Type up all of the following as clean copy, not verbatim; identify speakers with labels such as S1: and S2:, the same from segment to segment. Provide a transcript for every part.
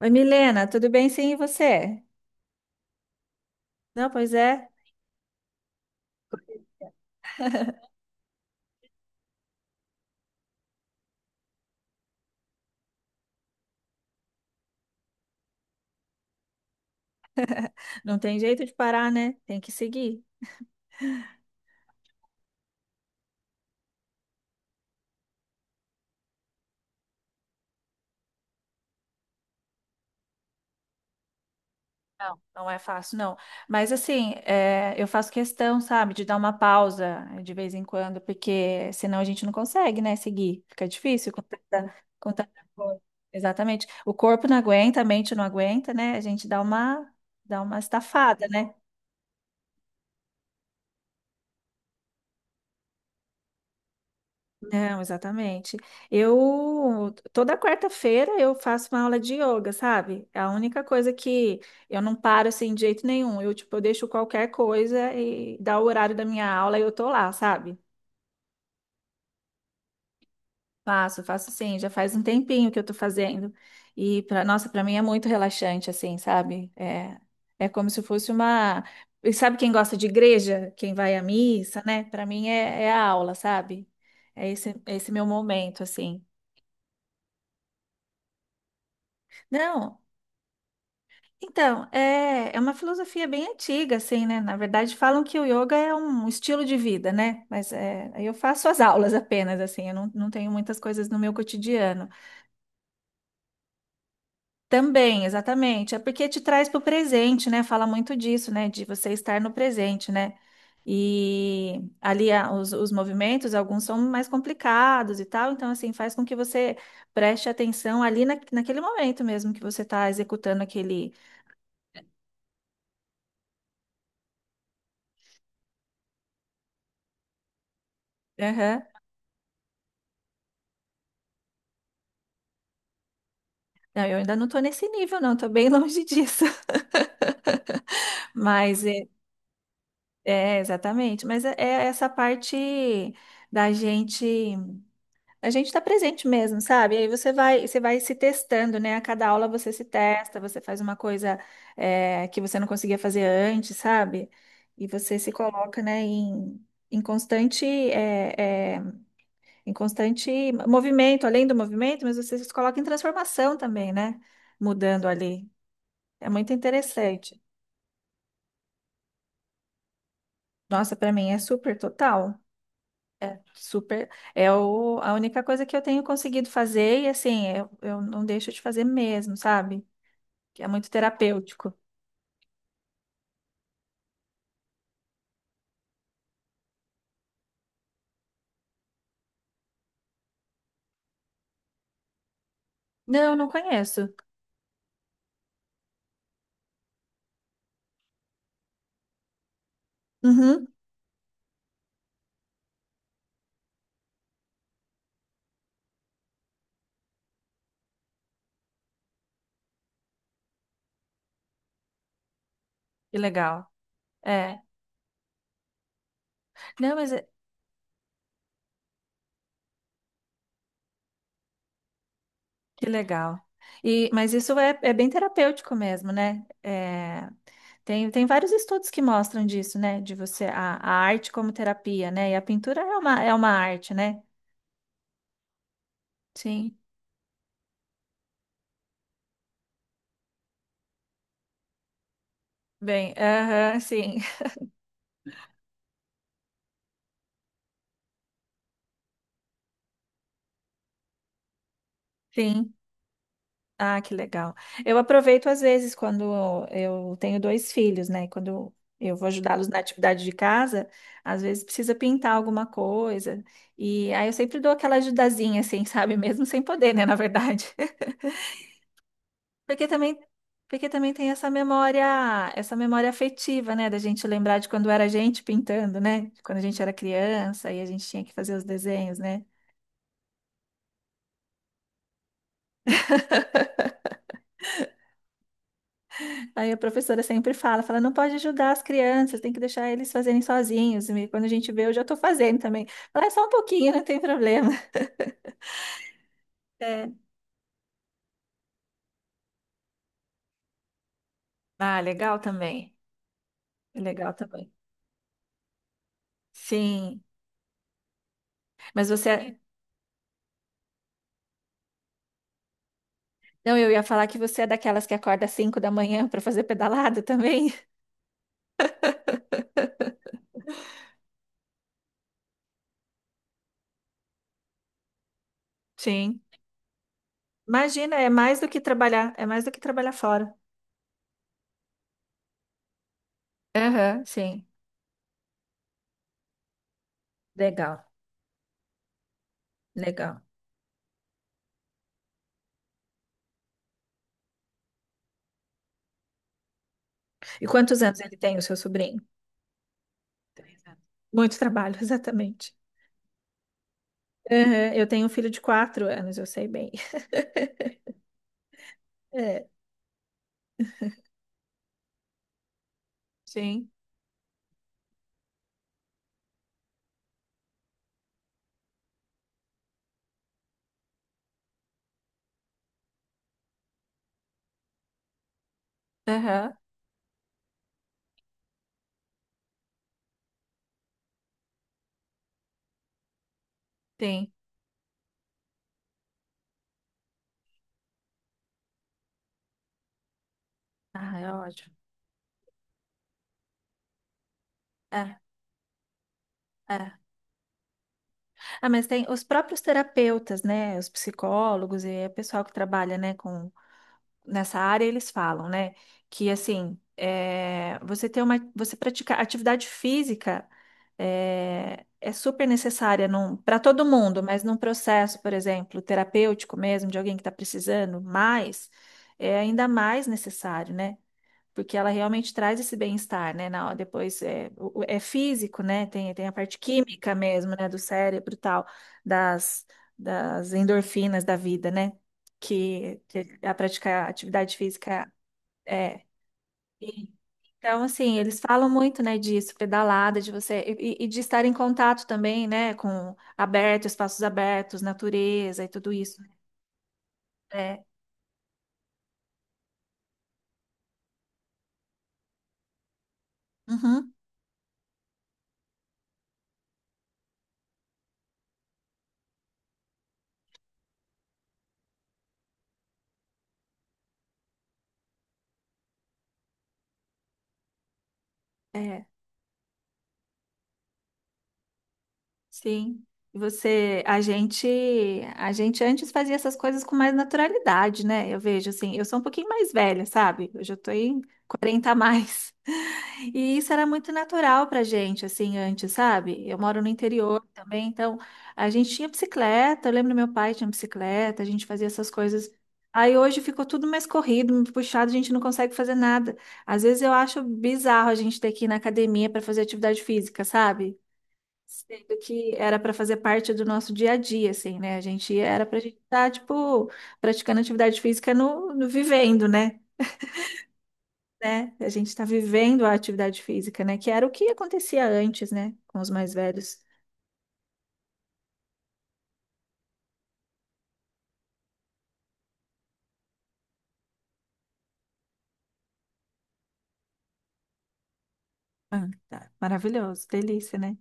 S1: Oi, Milena, tudo bem? Sim, e você? Não, pois é, não tem jeito de parar, né? Tem que seguir. Não, não é fácil, não. Mas assim, eu faço questão, sabe, de dar uma pausa de vez em quando, porque senão a gente não consegue, né, seguir. Fica difícil com tanta coisa. Exatamente. O corpo não aguenta, a mente não aguenta, né? A gente dá uma estafada, né? Não, exatamente. Eu toda quarta-feira eu faço uma aula de yoga, sabe? É a única coisa que eu não paro assim de jeito nenhum. Eu tipo, eu deixo qualquer coisa e dá o horário da minha aula e eu tô lá, sabe? Faço, faço sim, já faz um tempinho que eu tô fazendo. E para mim é muito relaxante assim, sabe? É como se fosse uma. E sabe, quem gosta de igreja, quem vai à missa, né? Para mim é a aula, sabe? É esse meu momento assim. Não. Então, é uma filosofia bem antiga, assim, né? Na verdade, falam que o yoga é um estilo de vida, né? Mas eu faço as aulas apenas, assim, eu não tenho muitas coisas no meu cotidiano. Também, exatamente, é porque te traz para o presente, né? Fala muito disso, né? De você estar no presente, né? E ali os movimentos, alguns são mais complicados e tal, então, assim, faz com que você preste atenção ali naquele momento mesmo que você está executando aquele. Não, eu ainda não estou nesse nível, não, estou bem longe disso. Mas exatamente. Mas é essa parte da gente, a gente está presente mesmo, sabe? Aí você vai se testando, né? A cada aula você se testa, você faz uma coisa que você não conseguia fazer antes, sabe? E você se coloca, né, em em constante movimento, além do movimento, mas você se coloca em transformação também, né? Mudando ali. É muito interessante. Nossa, para mim é super total. É super. É a única coisa que eu tenho conseguido fazer, e assim, eu não deixo de fazer mesmo, sabe? Que é muito terapêutico. Não, não conheço. Uhum, que legal. É. Não, que legal. E, mas isso é bem terapêutico mesmo, né? É, tem vários estudos que mostram disso, né? De você, a arte como terapia, né? E a pintura é uma arte, né? Sim. Bem, aham, sim. Sim. Ah, que legal. Eu aproveito às vezes quando eu tenho dois filhos, né? Quando eu vou ajudá-los na atividade de casa, às vezes precisa pintar alguma coisa. E aí eu sempre dou aquela ajudazinha, assim, sabe? Mesmo sem poder, né? Na verdade. Porque também, porque também tem essa memória afetiva, né? Da gente lembrar de quando era a gente pintando, né? de Quando a gente era criança e a gente tinha que fazer os desenhos, né? Aí a professora sempre fala, não pode ajudar as crianças, tem que deixar eles fazerem sozinhos. E quando a gente vê, eu já estou fazendo também. Fala, é só um pouquinho, não tem problema. É. Ah, legal também. Legal também. Sim. Mas você. Não, eu ia falar que você é daquelas que acorda às 5 da manhã para fazer pedalada também? Sim. Imagina, é mais do que trabalhar, é mais do que trabalhar fora. Aham, sim. Legal, legal. E quantos anos ele tem, o seu sobrinho? 3 anos. Muito trabalho, exatamente. Aham, eu tenho um filho de 4 anos, eu sei bem. É. Sim. Aham, tem. Ah, é ótimo. É, é. Ah, mas tem os próprios terapeutas, né? Os psicólogos e o pessoal que trabalha, né, com nessa área, eles falam, né, que assim, você praticar atividade física é super necessária para todo mundo, mas num processo, por exemplo, terapêutico mesmo, de alguém que está precisando mais, é ainda mais necessário, né? Porque ela realmente traz esse bem-estar, né? Depois é físico, né? Tem a parte química mesmo, né? Do cérebro e tal, das, das endorfinas da vida, né? Que a praticar atividade física é. E- então, assim, eles falam muito, né, disso, pedalada, de você, e de estar em contato também, né, espaços abertos, natureza e tudo isso. É. Uhum. É. Sim. E Você, a gente, a gente antes fazia essas coisas com mais naturalidade, né? Eu vejo assim, eu sou um pouquinho mais velha, sabe? Eu já tô em 40 a mais. E isso era muito natural pra gente, assim, antes, sabe? Eu moro no interior também, então a gente tinha bicicleta, eu lembro, meu pai tinha bicicleta, a gente fazia essas coisas. Aí hoje ficou tudo mais corrido, muito puxado, a gente não consegue fazer nada. Às vezes eu acho bizarro a gente ter que ir na academia para fazer atividade física, sabe? Sendo que era para fazer parte do nosso dia a dia, assim, né? A gente era para a gente estar, tipo, praticando atividade física no vivendo, né? Né? A gente está vivendo a atividade física, né? Que era o que acontecia antes, né? Com os mais velhos. Ah, tá. Maravilhoso, delícia, né?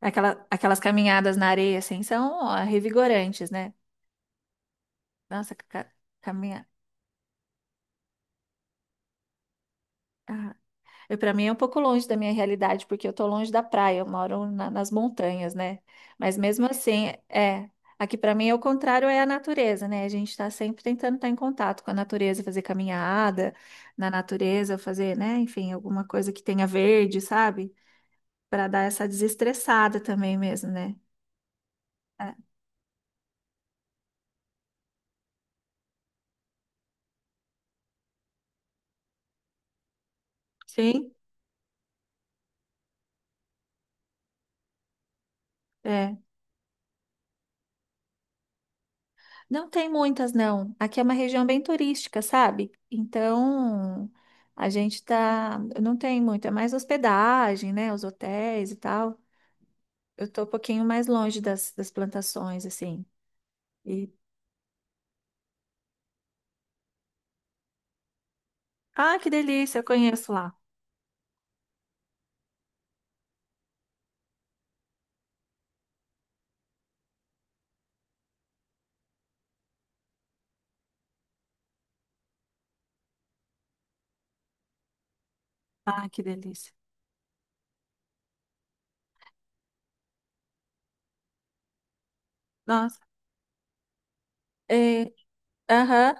S1: Aquelas caminhadas na areia, assim, são ó, revigorantes, né? Nossa, caminhar. Para mim é um pouco longe da minha realidade, porque eu tô longe da praia, eu moro nas montanhas, né? Mas mesmo assim, é. Aqui para mim é o contrário, é a natureza, né? A gente está sempre tentando estar em contato com a natureza, fazer caminhada na natureza, fazer, né? Enfim, alguma coisa que tenha verde, sabe? Para dar essa desestressada também mesmo, né? É. Sim, é. Não tem muitas, não. Aqui é uma região bem turística, sabe? Então, a gente tá. Não tem muito, é mais hospedagem, né? Os hotéis e tal. Eu tô um pouquinho mais longe das plantações, assim. E… Ah, que delícia, eu conheço lá. Ah, que delícia. Nossa. É… Aham.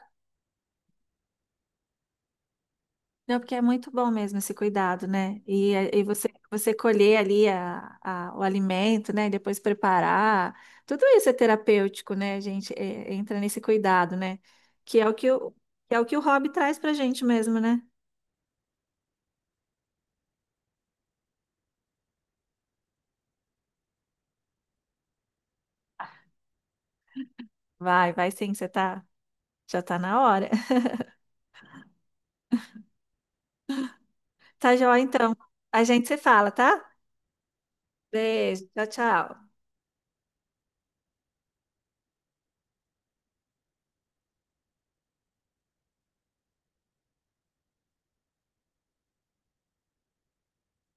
S1: Não, porque é muito bom mesmo esse cuidado, né? E você colher ali o alimento, né? E depois preparar. Tudo isso é terapêutico, né, gente? Entra nesse cuidado, né? Que é o, que é o que o hobby traz pra gente mesmo, né? Vai, vai sim, você tá, já tá na hora. Tá joia, então. A gente se fala, tá? Beijo, tchau, tchau.